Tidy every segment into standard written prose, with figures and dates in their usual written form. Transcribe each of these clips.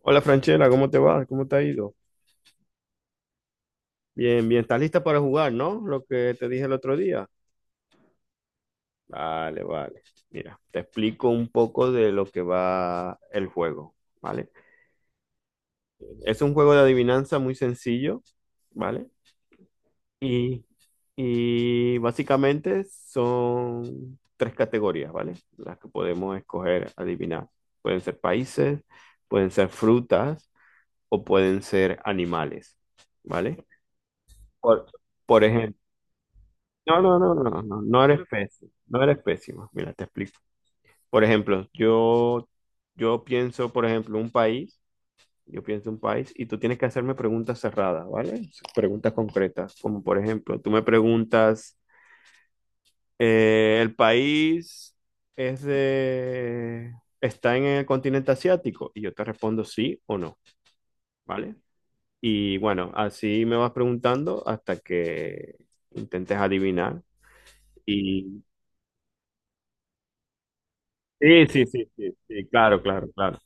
Hola Franchela, ¿cómo te va? ¿Cómo te ha ido? Bien, bien, ¿estás lista para jugar, no? Lo que te dije el otro día. Vale, vale. Mira, te explico un poco de lo que va el juego, ¿vale? Es un juego de adivinanza muy sencillo, ¿vale? Y, y básicamente son tres categorías, ¿vale? Las que podemos escoger adivinar. Pueden ser países, pueden ser frutas o pueden ser animales, ¿vale? Por, por ejemplo. No, no, no, no, no, no eres pésimo, no eres pésimo. Mira, te explico. Por ejemplo, yo pienso, por ejemplo, un país, yo pienso un país y tú tienes que hacerme preguntas cerradas, ¿vale? Preguntas concretas, como por ejemplo, tú me preguntas, ¿el país es de, está en el continente asiático? Y yo te respondo sí o no, ¿vale? Y bueno, así me vas preguntando hasta que intentes adivinar. Y sí, sí, sí, sí, sí, claro, claro, claro.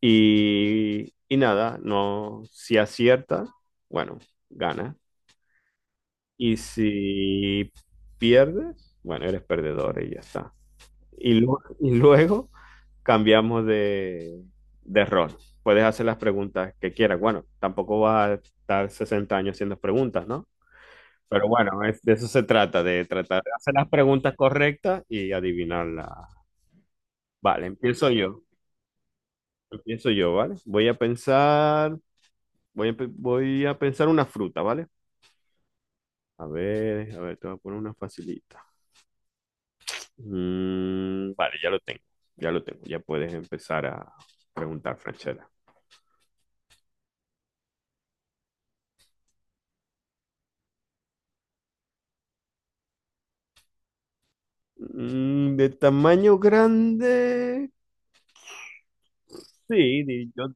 Y nada, no, si acierta, bueno, gana. Y si pierdes, bueno, eres perdedor y ya está. Y luego cambiamos de rol. Puedes hacer las preguntas que quieras. Bueno, tampoco vas a estar 60 años haciendo preguntas, ¿no? Pero bueno, es- de eso se trata, de tratar de hacer las preguntas correctas y adivinarlas. Vale, empiezo yo. Pienso yo, ¿vale? Voy a pensar, voy a pensar una fruta, ¿vale? A ver, te voy a poner una facilita. Mm, vale, ya lo tengo, ya puedes empezar a preguntar, Franchella. De tamaño grande, sí, di- yo,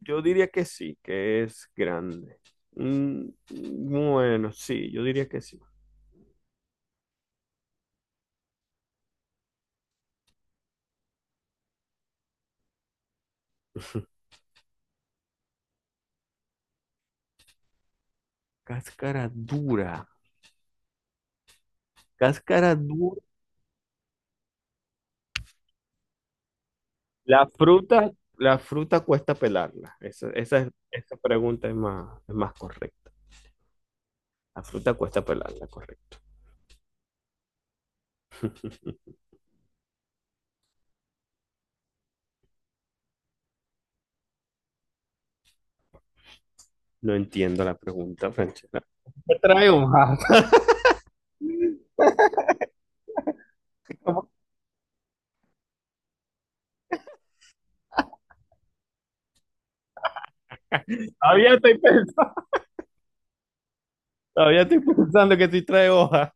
yo diría que sí, que es grande. Mm, bueno, sí, yo diría que sí. Cáscara dura, cáscara dura. La fruta, la fruta cuesta pelarla. Esa pregunta es más correcta. La fruta cuesta pelarla, correcto. No entiendo la pregunta, Franchela. ¿Qué trae hoja? ¿Cómo? Todavía estoy pensando, todavía estoy pensando que sí trae hoja.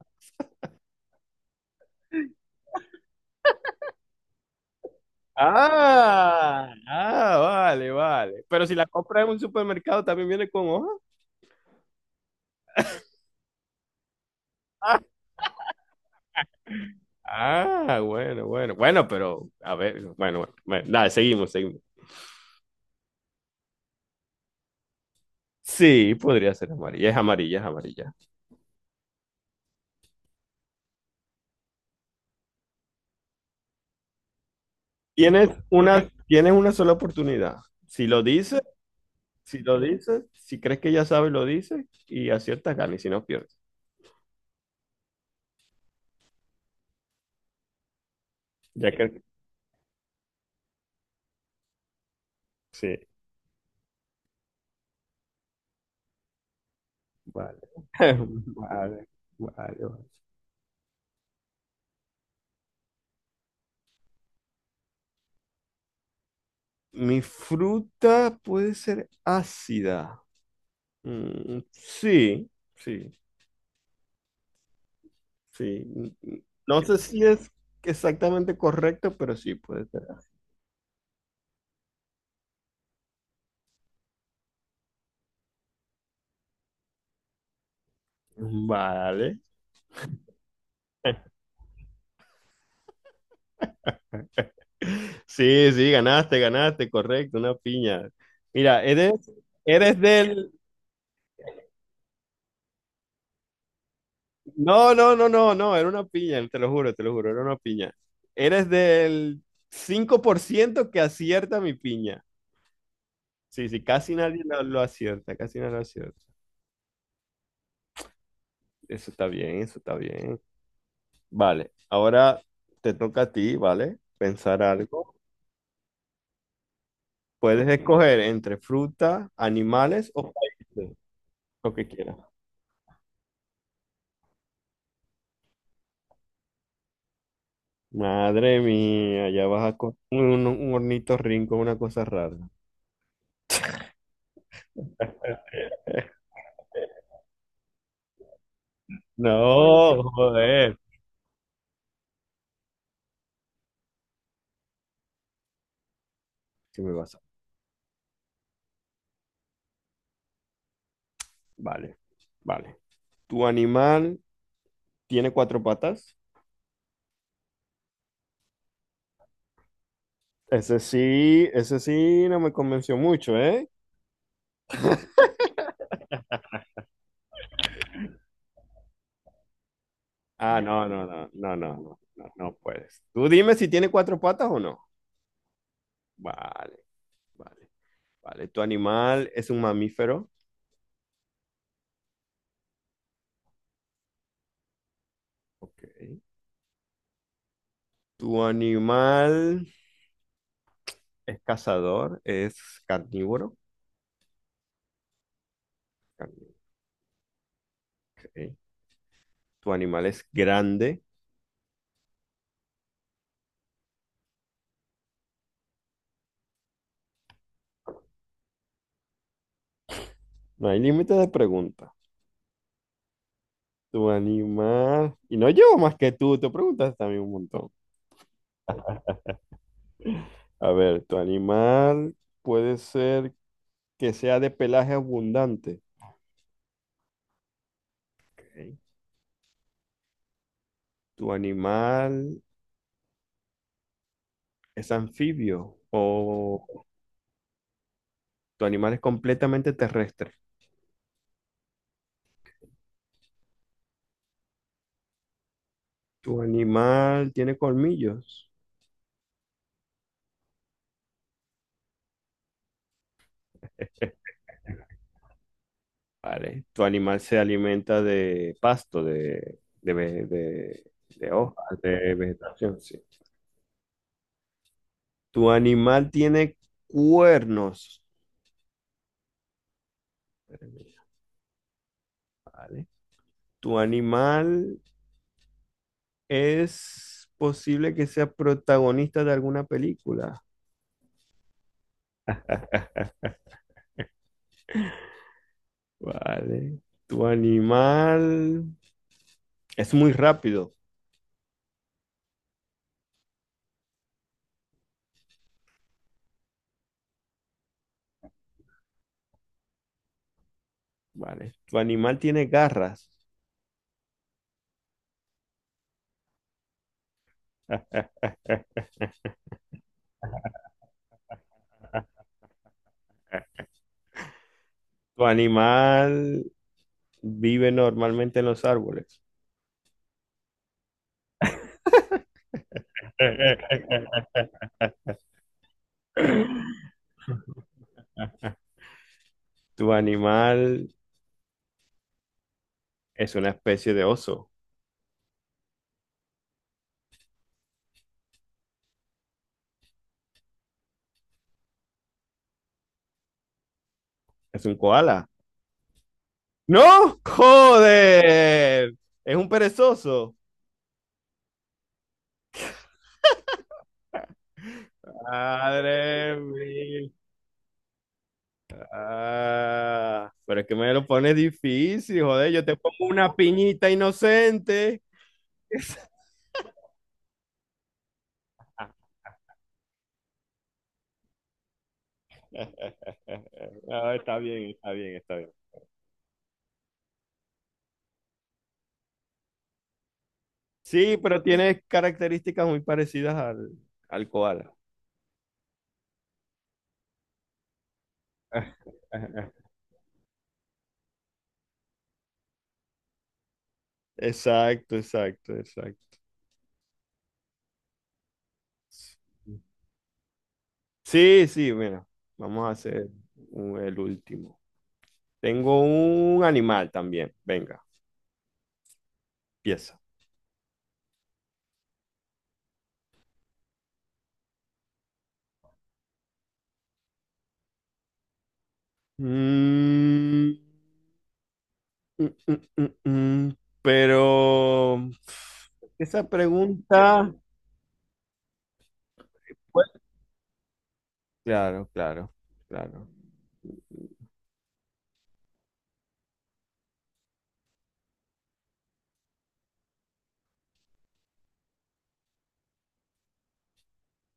Ah, ah, vale, vale. Pero si la compras en un supermercado, ¿también viene con hoja? Ah, ah, bueno, bueno. Bueno, pero, a ver, bueno, bueno, bueno. Nada, seguimos, seguimos. Sí, podría ser amarilla. Es amarilla, es amarilla. Tienes una sola oportunidad. Si lo dices, si lo dices, si crees que ya sabes, lo dices y aciertas, ganas y si no, pierdes. Ya que, sí. Vale, vale, vale, vale. Mi fruta puede ser ácida. Mm, sí, sí, sí. No sé si es exactamente correcto, pero sí puede ser. Vale. Sí, sí, ganaste, ganaste, correcto, una piña. Mira, eres del... No, no, no, no, no, era una piña, te lo juro, era una piña. Eres del 5% que acierta mi piña. Sí, sí, casi nadie lo acierta, casi nadie lo acierta. Eso está bien, eso está bien. Vale, ahora te toca a ti, ¿vale? Pensar algo. Puedes escoger entre fruta, animales o países, lo que quieras. Madre mía, ya vas a con un hornito rinco, una cosa rara. No, joder. ¿Qué me vas a- Vale, vale. ¿Tu animal tiene cuatro patas? Ese sí no me convenció mucho, ¿eh? Ah, no, no, no, no, no, no, no, no, no puedes. Tú dime si tiene cuatro patas o no. Vale, vale, vale. ¿Tu animal es un mamífero? Ok. ¿Tu animal es cazador? ¿Es carnívoro? Carn- ok. Tu animal es grande. No hay límite de preguntas. Tu animal. Y no llevo más que tú. Te preguntas también un montón. A ver, tu animal puede ser que sea de pelaje abundante. Ok. Tu animal es anfibio o tu animal es completamente terrestre. Tu animal tiene colmillos. Vale. Tu animal se alimenta de pasto, de hojas, de vegetación, sí. Tu animal tiene cuernos. Vale. Tu animal es posible que sea protagonista de alguna película. Vale. Tu animal es muy rápido. Vale. Tu animal tiene garras. Tu animal vive normalmente en los árboles. Tu animal es una especie de oso. Es un koala. ¡No! ¡Joder! Es un perezoso. Madre mía. Ah, pero es que me lo pones difícil, joder. Yo te pongo una piñita inocente. No, está bien, está bien, está bien. Sí, pero tiene características muy parecidas al, al koala. Exacto, exacto, exacto. Sí, sí, mira, vamos a hacer un- el último. Tengo un animal también. Venga, pieza. Mm, mm, mm, mm, mm. Pero pf, esa pregunta, pues, claro, claro, claro.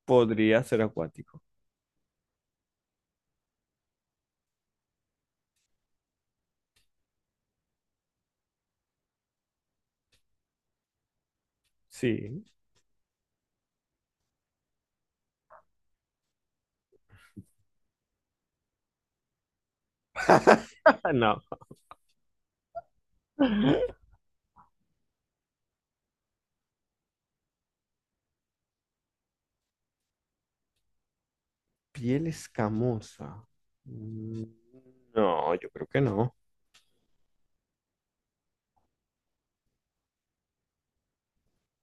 Podría ser acuático. Sí. No. Piel escamosa. Mm, No, yo creo que no.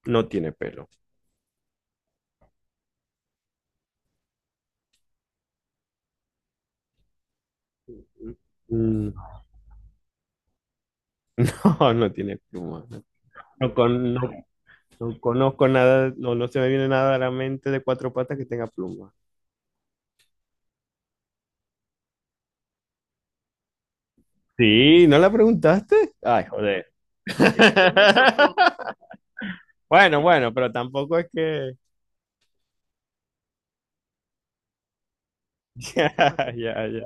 No tiene pelo. Mm, No, no tiene pluma. No, con- no. No conozco nada, no, no se me viene nada a la mente de cuatro patas que tenga pluma. Sí, ¿no la preguntaste? Ay, joder. Bueno, bueno, pero tampoco es que... Ya, ya, ya.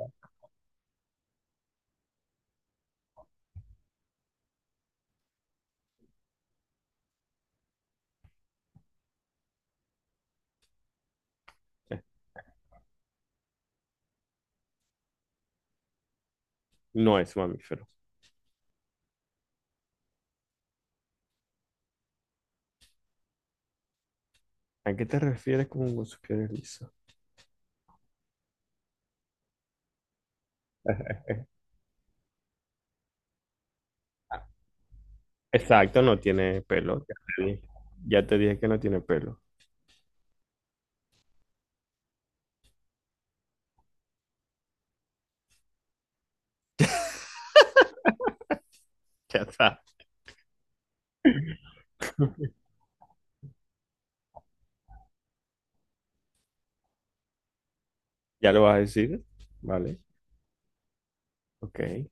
No es mamífero. ¿A qué te refieres con sus pies lisos? Exacto, no tiene pelo. Ya te dije que no tiene pelo. Ya está. ¿Ya lo vas a decir? Vale, ok.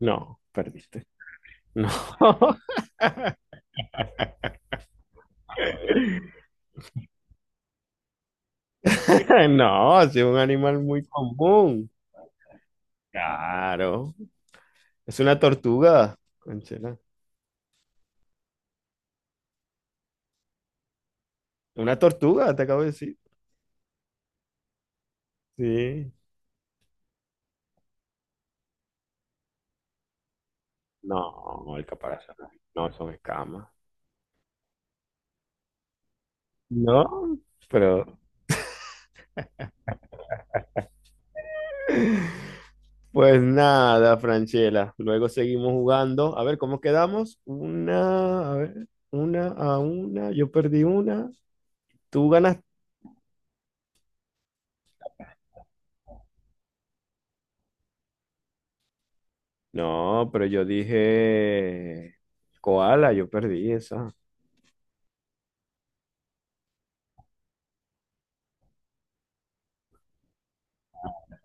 No, perdiste. No. No, es un animal muy común. Claro. Es una tortuga, conchera. Una tortuga, te acabo de decir. Sí. No, el caparazón. No, son escamas. No, pero... Pues nada, Franchela. Luego seguimos jugando. A ver, ¿cómo quedamos? Una, a ver, una a una. Yo perdí una. Tú ganas. No, pero yo dije koala, yo perdí esa.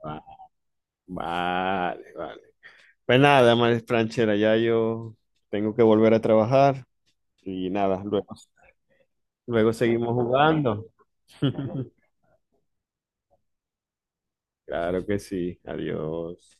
Ah, vale, vale. Pues nada, María Franchera, ya yo tengo que volver a trabajar y nada, luego, luego seguimos jugando. Claro que sí, adiós.